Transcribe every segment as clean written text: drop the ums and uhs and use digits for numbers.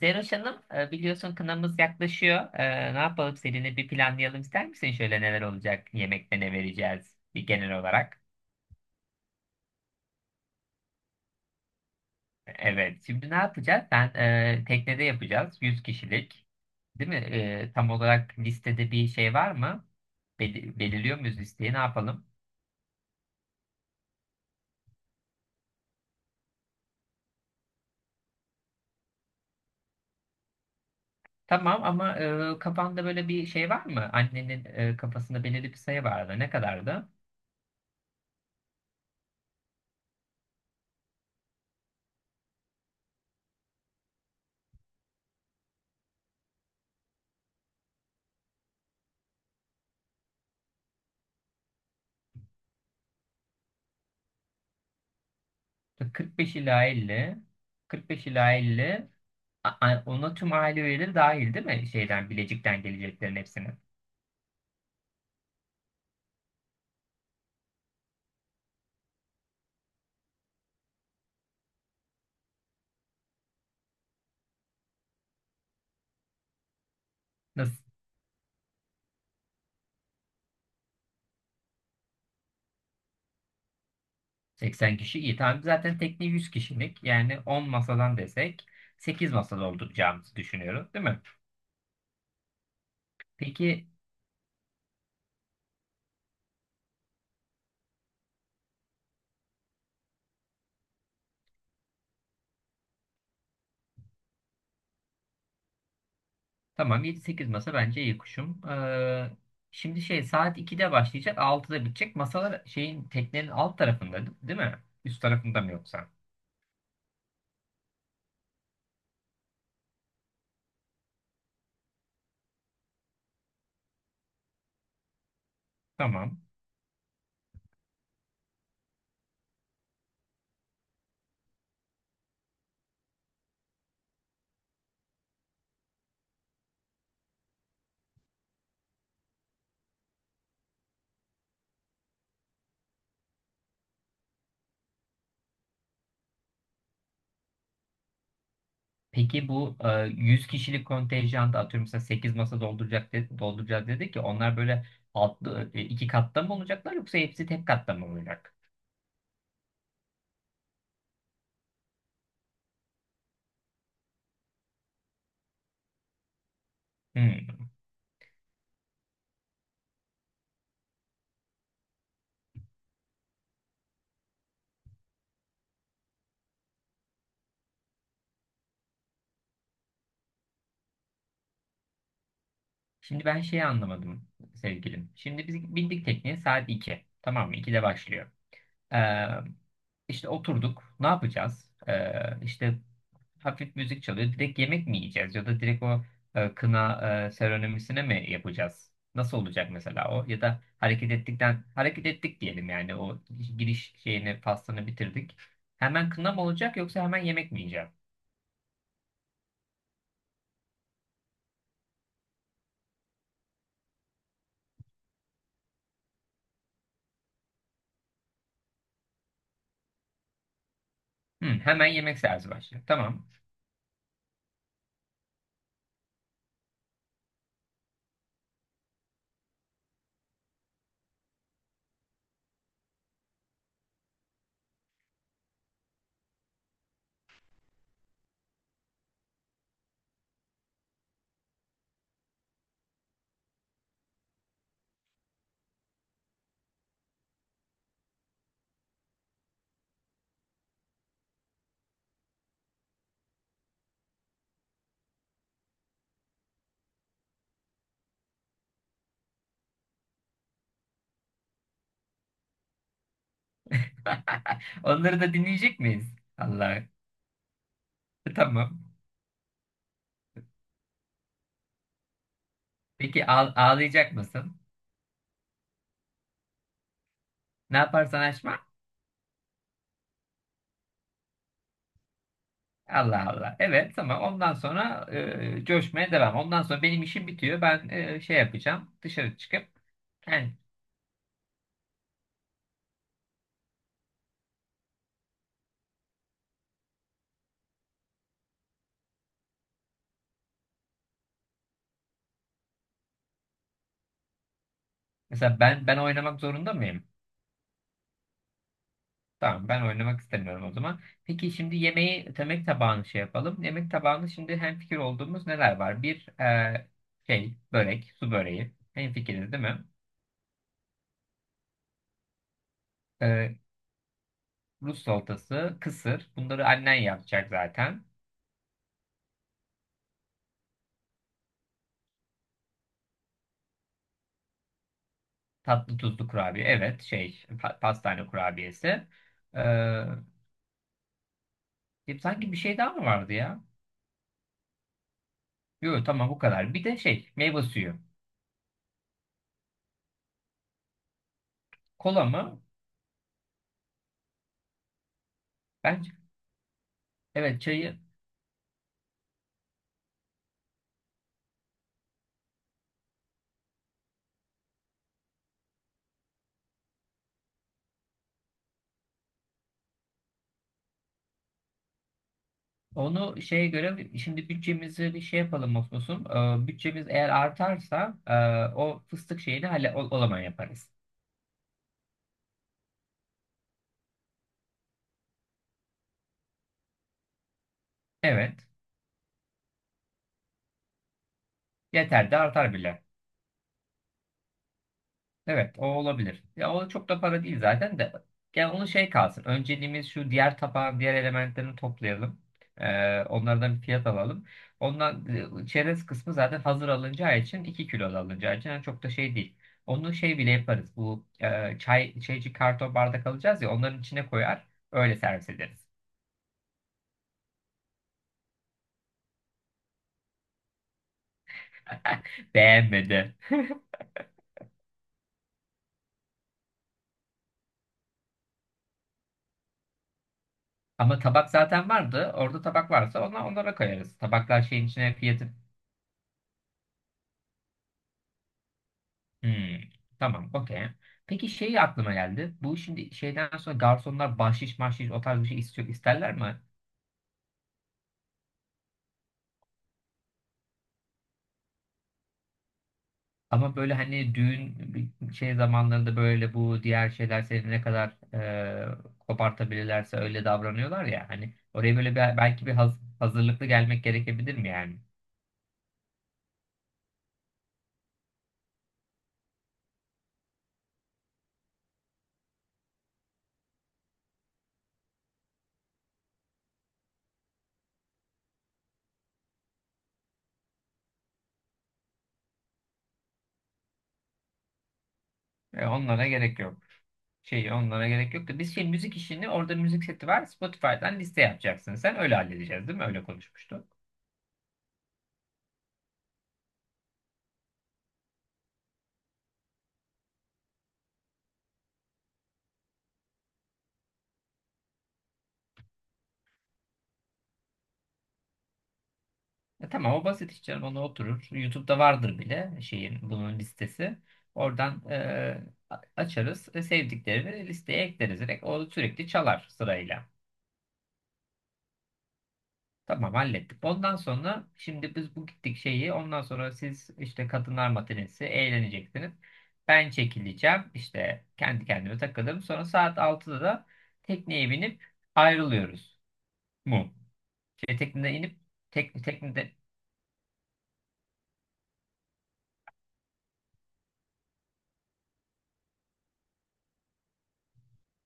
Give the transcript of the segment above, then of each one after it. Zeroş Hanım, biliyorsun kınamız yaklaşıyor. Ne yapalım, seninle bir planlayalım ister misin? Şöyle, neler olacak? Yemekte ne vereceğiz? Bir genel olarak. Evet. Şimdi ne yapacağız? Ben teknede yapacağız. Yüz kişilik. Değil mi? Tam olarak listede bir şey var mı? Belirliyor muyuz listeyi? Ne yapalım? Tamam ama kafanda böyle bir şey var mı? Annenin kafasında belirli bir sayı vardı. Ne kadardı? 45 ila 50. 45 ila 50. Ona tüm aile üyeleri dahil değil mi? Şeyden, Bilecik'ten geleceklerin hepsini. Nasıl? 80 kişi iyi. Tamam, zaten tekne 100 kişilik. Yani 10 masadan desek, 8 masada olacağımızı düşünüyoruz değil mi? Peki tamam, 7-8 masa bence iyi kuşum. Şimdi şey, saat 2'de başlayacak, 6'da bitecek. Masalar şeyin, teknenin alt tarafında değil mi? Üst tarafında mı yoksa? Tamam. Peki bu 100 kişilik kontenjanda, atıyorum mesela 8 masa dolduracak de, dolduracağız dedi ki onlar böyle altlı, iki katta mı olacaklar yoksa hepsi tek katta mı olacak? Hmm. Şimdi ben şeyi anlamadım sevgilim. Şimdi biz bindik tekneye saat 2. Tamam mı? 2'de başlıyor. Ee, işte oturduk. Ne yapacağız? İşte hafif müzik çalıyor. Direkt yemek mi yiyeceğiz ya da direkt o kına seremonisine mi yapacağız? Nasıl olacak mesela o? Ya da hareket ettikten, hareket ettik diyelim, yani o giriş şeyini, pastanı bitirdik. Hemen kına mı olacak yoksa hemen yemek mi yiyeceğim? Hı, hemen yemek servis başlıyor. Tamam. Onları da dinleyecek miyiz? Allah. Tamam. Peki ağlayacak mısın? Ne yaparsan aşma. Allah Allah. Evet, tamam. Ondan sonra coşmaya devam. Ondan sonra benim işim bitiyor. Ben şey yapacağım. Dışarı çıkıp yani. Mesela ben oynamak zorunda mıyım? Tamam, ben oynamak istemiyorum o zaman. Peki şimdi yemeği, yemek tabağını şey yapalım. Yemek tabağını şimdi hemfikir olduğumuz neler var? Bir şey börek, su böreği. Hemfikiriz değil mi? E, Rus salatası, kısır. Bunları annen yapacak zaten. Tatlı tuzlu kurabiye. Evet, şey pastane kurabiyesi. E, sanki bir şey daha mı vardı ya? Yok tamam, bu kadar. Bir de şey, meyve suyu. Kola mı? Bence evet, çayı. Onu şeye göre, şimdi bütçemizi bir şey yapalım Osmos'um. Bütçemiz eğer artarsa o fıstık şeyini hala o zaman yaparız. Evet. Yeter de artar bile. Evet, o olabilir. Ya o çok da para değil zaten de. Yani onu şey kalsın. Önceliğimiz şu: diğer tabağın diğer elementlerini toplayalım. Onlardan bir fiyat alalım. Ondan çerez kısmı zaten hazır alınacağı için, 2 kilo da alınacağı için yani çok da şey değil. Onu şey bile yaparız. Bu çay şeyci, karton bardak alacağız ya, onların içine koyar, öyle servis ederiz. Beğenmedi. Ama tabak zaten vardı. Orada tabak varsa ona, onlara koyarız. Tabaklar şeyin içine fiyatı. Hmm, tamam, okey. Peki şey aklıma geldi. Bu şimdi şeyden sonra garsonlar bahşiş mahşiş o tarz bir şey istiyor, isterler mi? Ama böyle hani düğün, bir şey zamanlarında böyle bu diğer şeyler seni ne kadar kopartabilirlerse öyle davranıyorlar ya. Hani oraya böyle bir, belki bir hazırlıklı gelmek gerekebilir mi yani? E, onlara gerek yok. Şey, onlara gerek yok da biz şey müzik işini, orada müzik seti var, Spotify'dan liste yapacaksın sen, öyle halledeceğiz değil mi? Öyle konuşmuştuk. E tamam, o basit hiç canım, ona oturur. YouTube'da vardır bile şeyin bunun listesi. Oradan açarız. E, sevdiklerini listeye ekleriz. Direkt o sürekli çalar sırayla. Tamam, hallettik. Ondan sonra şimdi biz bu gittik şeyi, ondan sonra siz işte kadınlar matinesi eğleneceksiniz. Ben çekileceğim. İşte kendi kendime takılırım. Sonra saat 6'da da tekneye binip ayrılıyoruz. Mu. Şey, tekneden inip, tekne.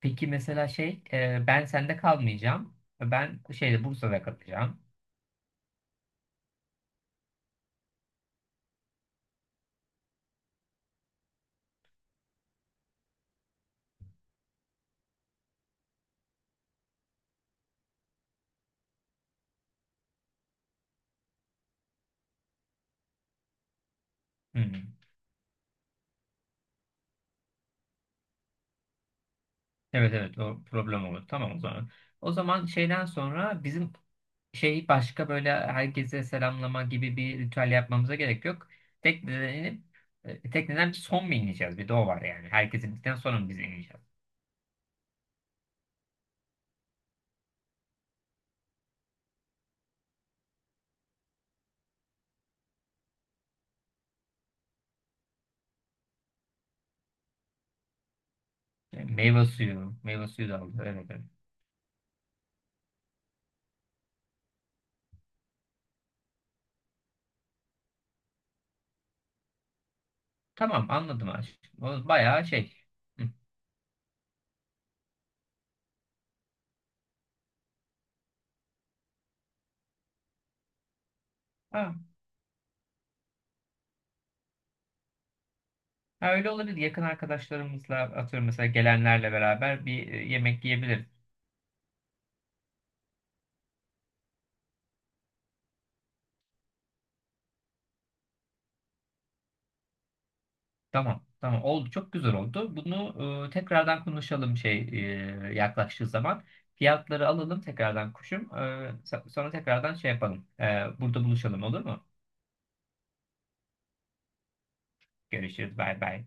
Peki mesela şey, ben sende kalmayacağım. Ben şeyde, Bursa'da kalacağım. Hmm. Evet evet, o problem olur. Tamam o zaman. O zaman şeyden sonra bizim şey, başka böyle herkese selamlama gibi bir ritüel yapmamıza gerek yok. Tekneden inip tekneden son mu ineceğiz? Bir de o var yani. Herkes indikten sonra mı biz ineceğiz? E, meyve suyu. Meyve suyu da alıyor. Evet, evet. Tamam anladım aşkım. O bayağı şey. Hı. Ha, ha, öyle olabilir. Yakın arkadaşlarımızla atıyorum mesela gelenlerle beraber bir yemek yiyebiliriz. Tamam. Tamam oldu. Çok güzel oldu. Bunu tekrardan konuşalım şey yaklaştığı zaman. Fiyatları alalım tekrardan kuşum. E, sonra tekrardan şey yapalım. E, burada buluşalım olur mu? Görüşürüz. Bay bay.